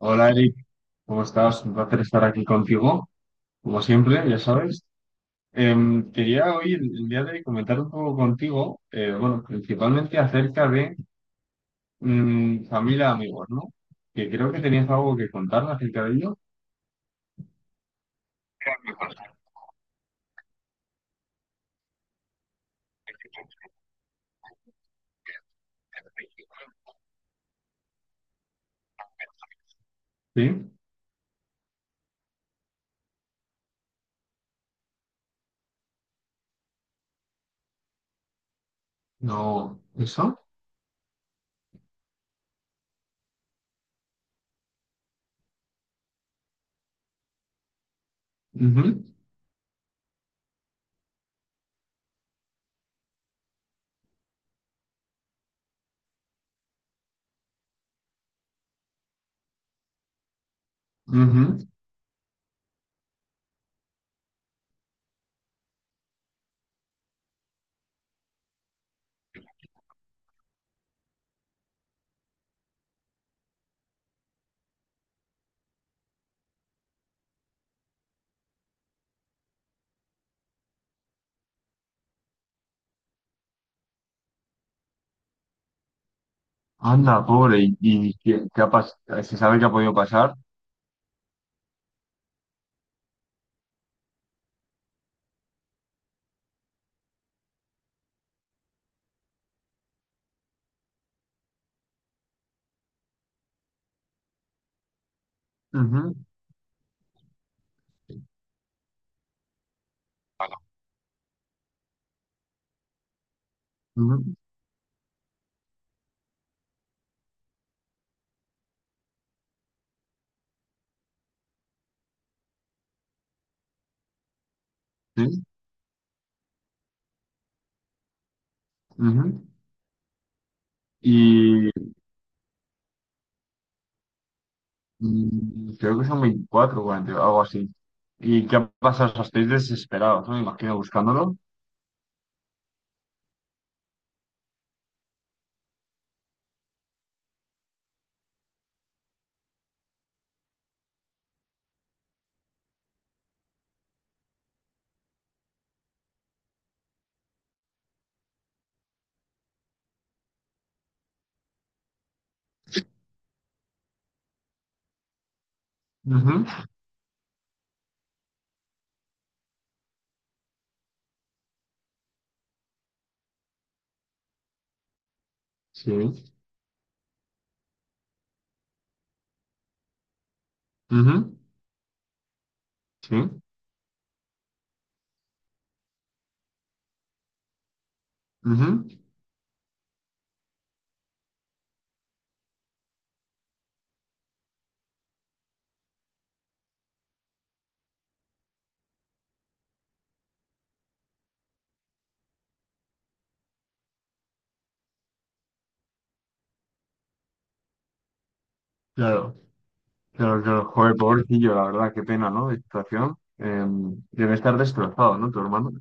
Hola Eric, ¿cómo estás? Un placer estar aquí contigo, como siempre, ya sabes. Quería hoy, el día de hoy, comentar un poco contigo, bueno, principalmente acerca de familia, amigos, ¿no? Que creo que tenías algo que contar acerca de ello. Sí, no, eso. Ujú, ujú. Anda, pobre, y qué, se sabe qué ha podido pasar? Ujú, ujú, sí, ujú. Mm, creo que son 24 o algo así. ¿Y qué ha pasado? O sea, estáis desesperados, ¿no? Me imagino buscándolo. Ujú, sí, ujú, sí, ujú. Claro, claro, claro. Joder, pobrecillo, la verdad, qué pena, ¿no? De situación. Debe estar destrozado, ¿no? Tu hermano.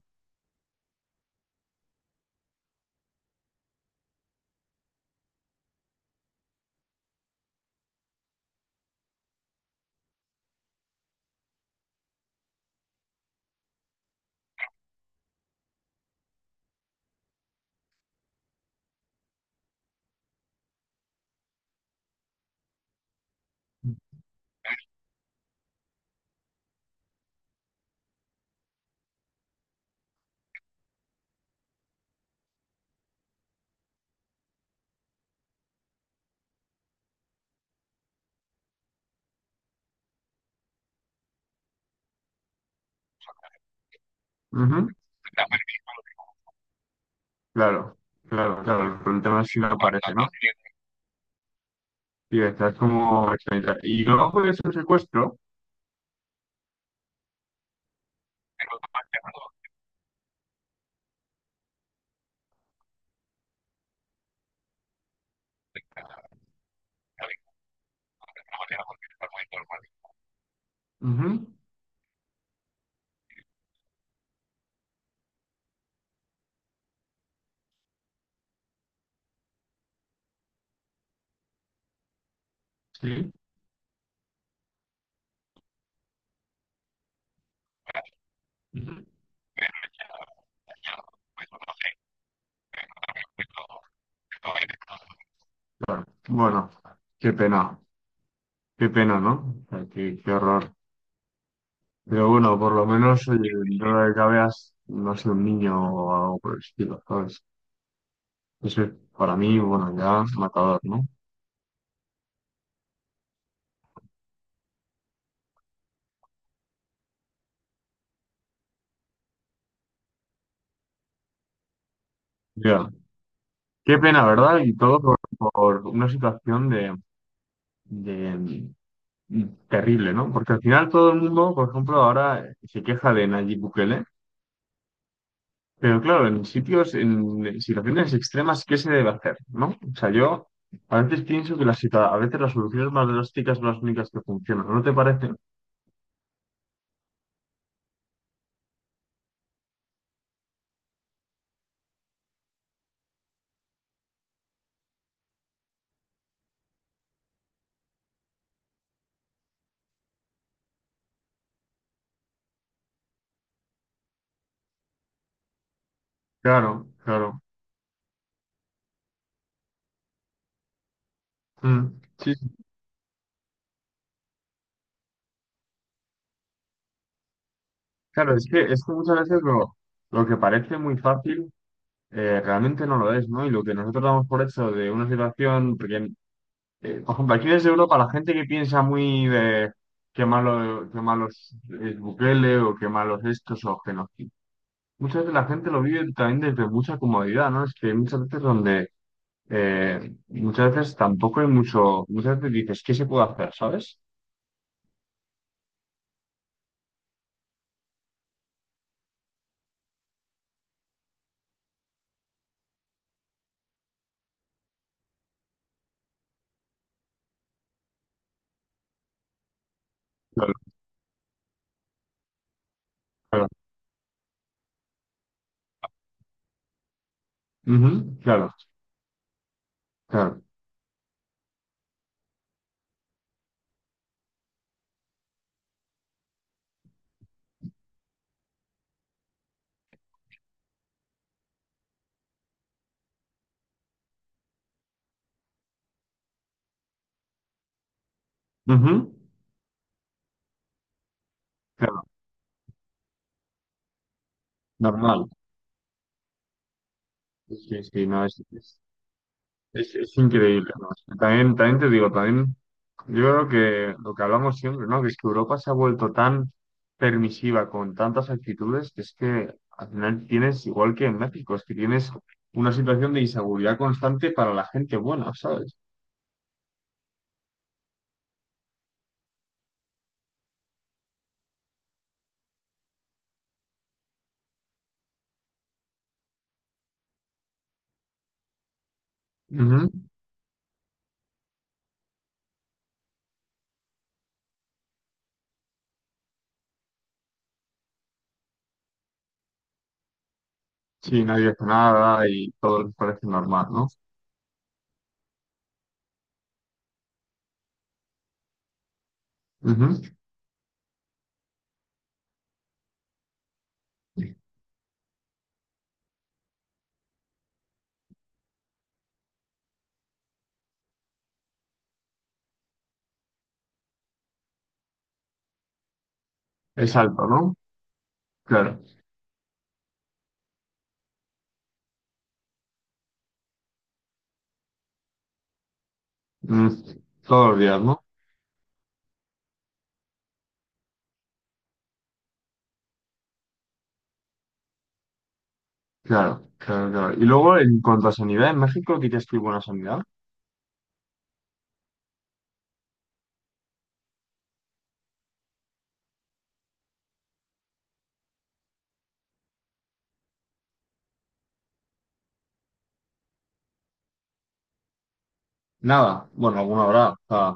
Ujú, claro, claro, claro. Pero el tema es si no aparece, ¿no? Y estás como extrañita. Y luego puede ser secuestro. Ujú, sí, ujú. Claro. Bueno, qué pena. Qué pena, ¿no? O sea, qué, qué horror. Pero bueno, por lo menos, oye, dentro de lo que cabe, no ha sido un niño o algo por el estilo, ¿sabes? Eso es, para mí, bueno, ya matador, ¿no? Ya. Qué pena, ¿verdad? Y todo por una situación de, de- mm, terrible, ¿no? Porque al final todo el mundo, por ejemplo, ahora se queja de Nayib Bukele. Pero claro, en sitios, en situaciones extremas, ¿qué se debe hacer? ¿No? O sea, yo a veces pienso que a veces las soluciones más drásticas son las únicas que funcionan, ¿no te parece? Claro, claro. Mm, sí, sí, claro, es que muchas veces lo que parece muy fácil realmente no lo es, ¿no? Y lo que nosotros damos por hecho de una situación, porque, por ejemplo, aquí desde Europa la gente que piensa muy de qué malo, qué malos es Bukele o qué malos estos o que no. Muchas veces la gente lo vive también desde mucha comodidad, ¿no? Es que hay muchas veces donde, muchas veces tampoco hay mucho, muchas veces dices, ¿qué se puede hacer? ¿Sabes? Claro, claro. Ujú, claro, claro. Ujú, claro, normal. Sí, sí, no es. Es increíble, ¿no? También, también te digo, también yo creo que lo que hablamos siempre, ¿no? Que es que Europa se ha vuelto tan permisiva con tantas actitudes que es que al final tienes, igual que en México, es que tienes una situación de inseguridad constante para la gente buena, ¿sabes? Ujú. Sí, nadie hace nada y todo les parece normal, ¿no? Ujú. Es alto, ¿no? Claro. Mm, todos los días, ¿no? Claro, claro, claro. Y luego, en cuanto a sanidad, en México dirías que hay buena sanidad. Nada, bueno, alguna habrá, o sea,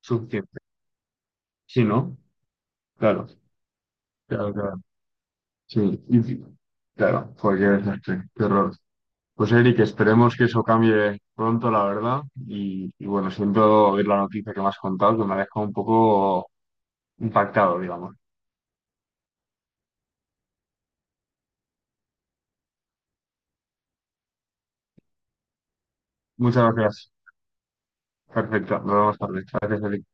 suficiente. Sí, ¿no? Claro, claro, claro. Sí, sí, claro, pues qué desastre, qué horror. Pues Eric, esperemos que eso cambie pronto, la verdad. Y bueno, siento oír la noticia que me has contado, que me ha dejado un poco impactado, digamos. Muchas gracias. Perfecto, nos vemos tarde. Gracias, Eric.